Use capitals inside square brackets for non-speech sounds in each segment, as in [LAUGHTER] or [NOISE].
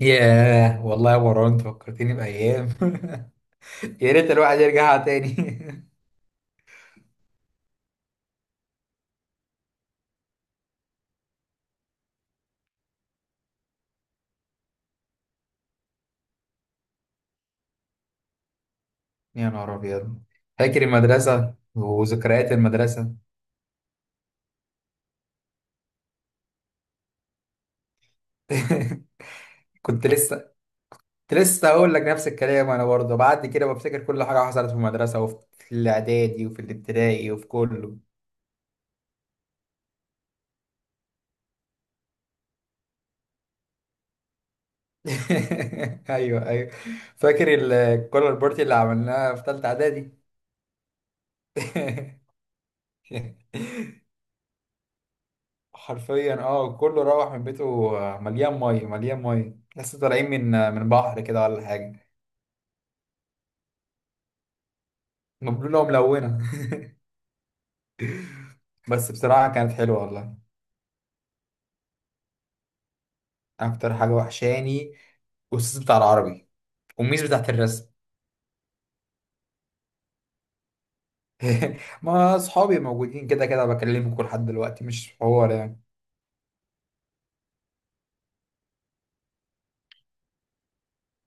ياه والله يا مروان، انت فكرتني بأيام. [LAUGHS] يا ريت الواحد يرجعها تاني. [LAUGHS] يا نهار أبيض! فاكر المدرسة وذكريات المدرسة؟ [LAUGHS] كنت لسه كنت لسه هقول لك نفس الكلام، أنا برضه بعد كده بفتكر كل حاجة حصلت في المدرسة وفي الإعدادي وفي الابتدائي وفي كله. [LAUGHS] أيوه، أيوه. فاكر الكولر بارتي اللي عملناها في تالتة إعدادي؟ [LAUGHS] حرفيا، اه، كله روح من بيته. آه، مليان ميه مليان ميه لسه طالعين من من بحر كده ولا حاجه. مبلوله وملونه. [LAUGHS] بس بصراحه كانت حلوه والله. اكتر حاجه وحشاني الاستاذ بتاع العربي والميس بتاعت الرسم. [LAUGHS] ما اصحابي موجودين كده كده، بكلمكم لحد دلوقتي مش حوار يعني.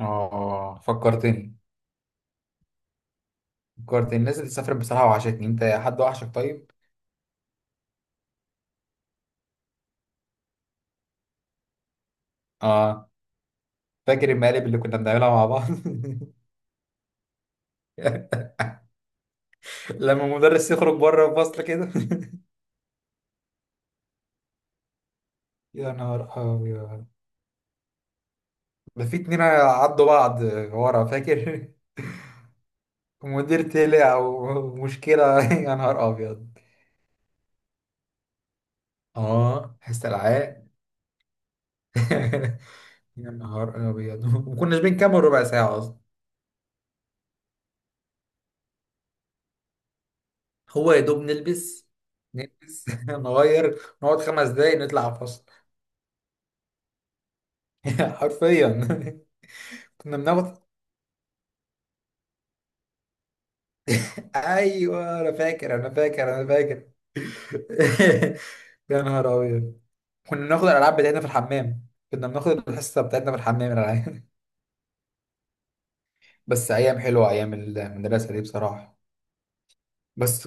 اه، فكرتني. فكرتني الناس اللي سافرت، بصراحه وحشتني. انت حد وحشك، طيب؟ اه، فاكر المقالب اللي كنا بنعملها مع بعض؟ [LAUGHS] لما المدرس يخرج بره الفصل كده. [LAUGHS] يا نهار أبيض! ده في اتنين عضوا بعض ورا، فاكر؟ [LAUGHS] مدير طلع ومشكلة! [LAUGHS] يا نهار أبيض! اه، استلعاء. [LAUGHS] يا نهار أبيض! وكناش بنكمل ربع ساعة أصلا. هو يا دوب نلبس نلبس، [LAUGHS] نغير، نقعد 5 دقايق، نطلع فصل. [LAUGHS] حرفيا. كنا بناخد. [LAUGHS] أيوه أنا فاكر، أنا فاكر، أنا فاكر. [LAUGHS] يا نهار أبيض! كنا بناخد الالعاب بتاعتنا في الحمام، كنا بناخد الحصه بتاعتنا في الحمام، الالعاب. [LAUGHS] بس ايام حلوه، ايام المدرسه دي بصراحه. بس،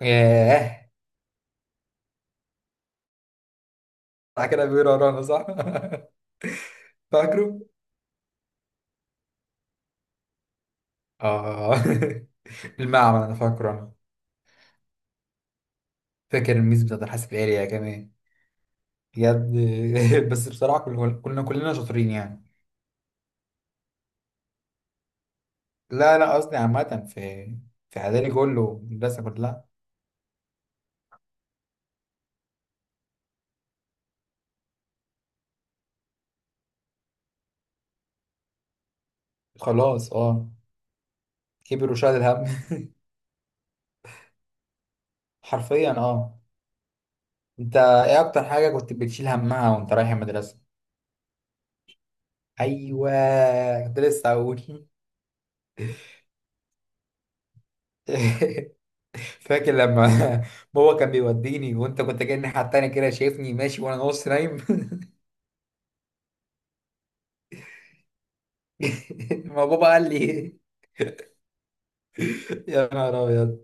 ياه. بتاع كده، بيقولوا ورانا صح؟ [LAUGHS] فاكره. اه. [LAUGHS] المعمل، انا فاكره انا. فاكر الميز بتاعت الحاسب الالي كمان؟ بجد. [LAUGHS] بس بصراحه، كنا كلنا شاطرين يعني. لا، لا، قصدي عامه في. في اعدادي كله، المدرسه كلها. خلاص اه. كبر وشال الهم. [LAUGHS] حرفيا اه. انت ايه اكتر حاجة كنت بتشيل همها وانت رايح المدرسة؟ ايوه، كنت لسه اقول. [LAUGHS] فاكر لما بابا كان بيوديني وانت كنت جاي الناحية التانية كده، شايفني ماشي وانا نص نايم؟ [LAUGHS] ما بابا قال لي إيه؟ [LAUGHS] يا نهار ابيض!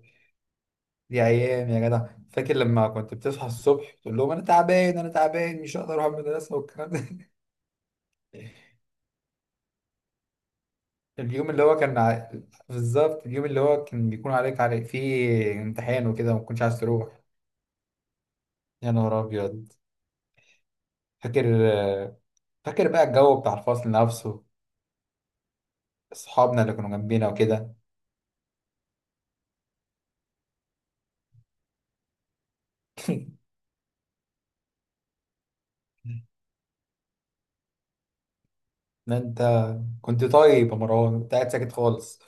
دي ايام يا جدع. فاكر لما كنت بتصحى الصبح تقول لهم انا تعبان، انا تعبان، مش هقدر اروح المدرسة والكلام ده؟ [LAUGHS] اليوم اللي هو كان ع... بالظبط، اليوم اللي هو كان بيكون عليك فيه امتحان وكده ما كنتش عايز تروح. يا نهار ابيض! فاكر فاكر بقى الجو بتاع الفصل نفسه؟ صحابنا اللي كانوا جنبينا وكده؟ انت كنت طيب يا مروان، انت قاعد ساكت خالص.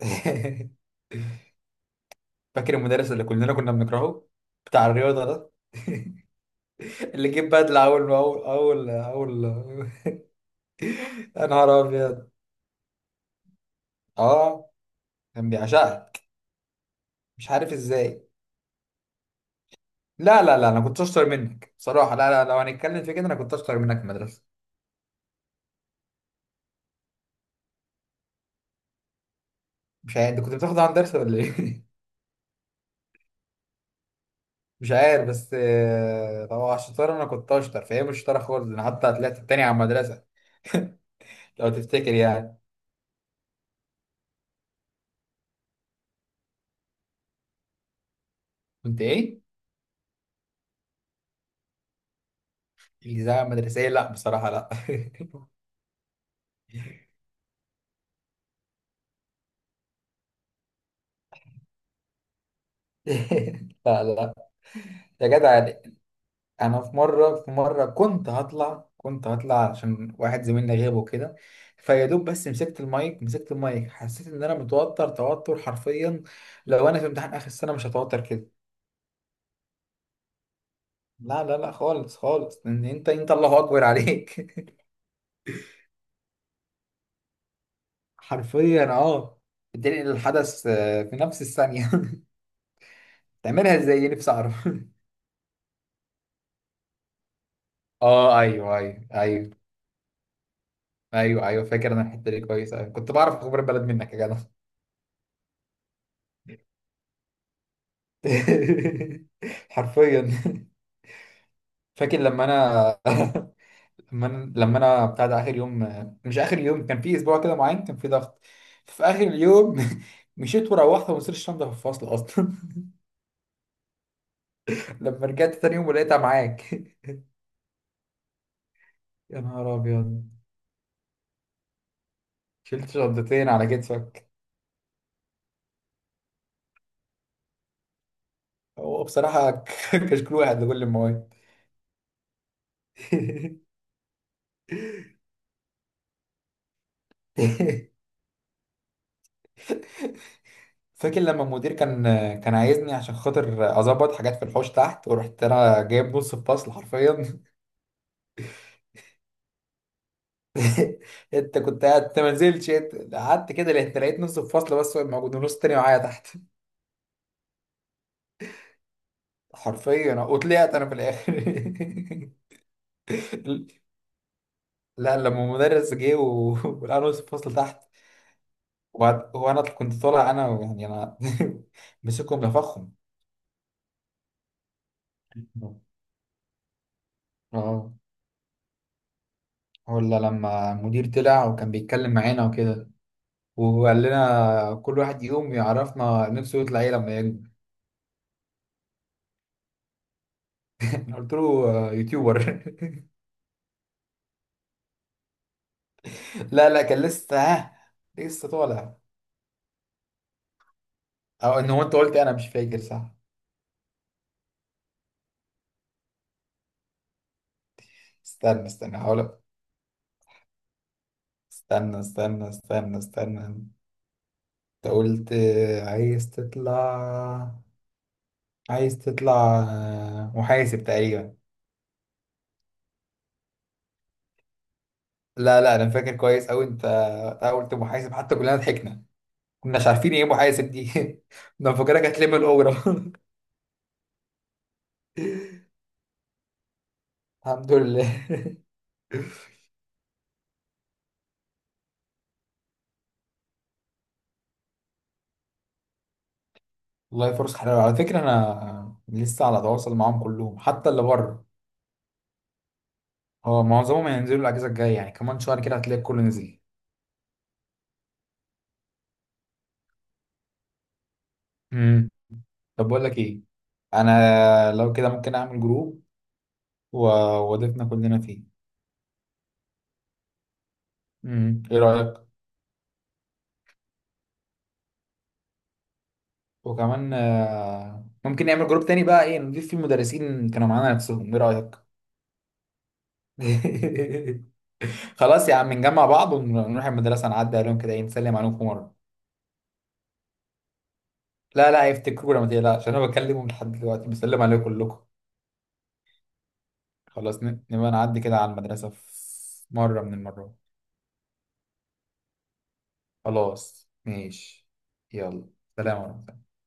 [LAUGHS] فاكر المدرس اللي كلنا كنا بنكرهه، بتاع الرياضة ده؟ [LAUGHS] اللي جيب بدلة اول ما اول اول اول. [LAUGHS] يا نهار ابيض! اه، كان بيعشقك. مش عارف ازاي. لا، لا، لا، انا كنت اشطر منك بصراحة. لا، لا، لو هنتكلم في كده انا كنت اشطر منك في المدرسة. مش عارف، انت كنت بتاخد عن درس ولا ايه؟ [LAUGHS] مش عارف بس لو على الشطاره انا كنت اشطر، فهي مش شطاره خالص، انا حتى طلعت التاني على المدرسه. [LAUGHS] لو تفتكر يعني. كنت ايه؟ الاذاعه المدرسيه؟ لا بصراحه، لا. [LAUGHS] لا، لا، يا جدع يعني. انا في مره كنت هطلع عشان واحد زميلنا غاب وكده. فيا دوب، بس مسكت المايك، مسكت المايك، حسيت ان انا متوتر، توتر حرفيا. لو انا في امتحان اخر السنه مش هتوتر كده. لا، لا، لا، خالص خالص، ان انت الله اكبر عليك. حرفيا اه. بتنقل الحدث في نفس الثانية. [LAUGHS] تعملها ازاي؟ نفسي اعرف. [LAUGHS] اه، ايوه، ايوه، ايوه، ايوه، ايوه. فاكر انا الحتة دي كويس أوي. كنت بعرف اخبار البلد منك يا جدع. [LAUGHS] حرفيا. فاكر لما انا. [LAUGHS] لما انا بتاع ده اخر يوم، مش اخر يوم، كان في اسبوع كده معين، كان في ضغط. في اخر اليوم. [LAUGHS] مشيت وروحت، وما وصلت الشنطه في الفصل اصلا. [LAUGHS] لما رجعت تاني يوم ولقيتها معاك. [LAUGHS] يا نهار ابيض! شلت شنطتين على كتفك. هو بصراحة [LAUGHS] كشكول واحد لكل المواد. [LAUGHS] فاكر لما المدير كان عايزني عشان خاطر اظبط حاجات في الحوش تحت، ورحت انا جايب نص الفصل حرفيا. [LAUGHS] انت كنت قاعد، انت ما نزلتش، أنت قعدت كده، لقيت نص الفصل بس هو موجود، ونص تاني معايا تحت. [LAUGHS] حرفيا، وطلعت انا في الاخر. [LAUGHS] لا، لما المدرس جه ولقى نص الفصل تحت. وانا كنت طالع انا يعني انا. [LAUGHS] مسكهم نفخهم. اه. ولا لما المدير طلع وكان بيتكلم معانا وكده، وقال لنا كل واحد يقوم يعرفنا نفسه يطلع ايه لما يكبر. [LAUGHS] أنا قلت له يوتيوبر. [LAUGHS] لا، لا، كان لسه ها، لسه طالع. او ان هو انت قلت إيه؟ انا مش فاكر صح. استنى، استنى، هقول. استنى، استنى، استنى، استنى، انت. قلت عايز تطلع محاسب تقريبا. لا، لا، انا فاكر كويس اوي انت قلت محاسب، حتى كلنا ضحكنا. كناش عارفين ايه محاسب دي. [LAUGHS] انا فاكرك هتلم الاجره. [LAUGHS] الحمد لله. [LAUGHS] والله فرصة حلوة، على فكرة أنا لسه على تواصل معاهم كلهم حتى اللي بره. هو معظمهم هينزلوا الأجازة الجاية، يعني كمان شهر كده هتلاقي الكل نزل. امم. طب، بقول لك إيه؟ أنا لو كده، ممكن أعمل جروب و- وأضيفنا كلنا فيه. امم، إيه رأيك؟ وكمان ممكن نعمل جروب تاني بقى، إيه، نضيف فيه المدرسين كانوا معانا نفسهم، إيه رأيك؟ [LAUGHS] خلاص يا عم، نجمع بعض ونروح المدرسة نعدي عليهم كده، إيه، نسلم عليكم مرة. لا، لا، هيفتكرونا ما تقلقش، أنا بكلمهم لحد دلوقتي بسلم عليكم كلكم. خلاص، نبقى نعدي كده على المدرسة في مرة من المرات. خلاص ماشي. يلا. سلام ورحمة الله.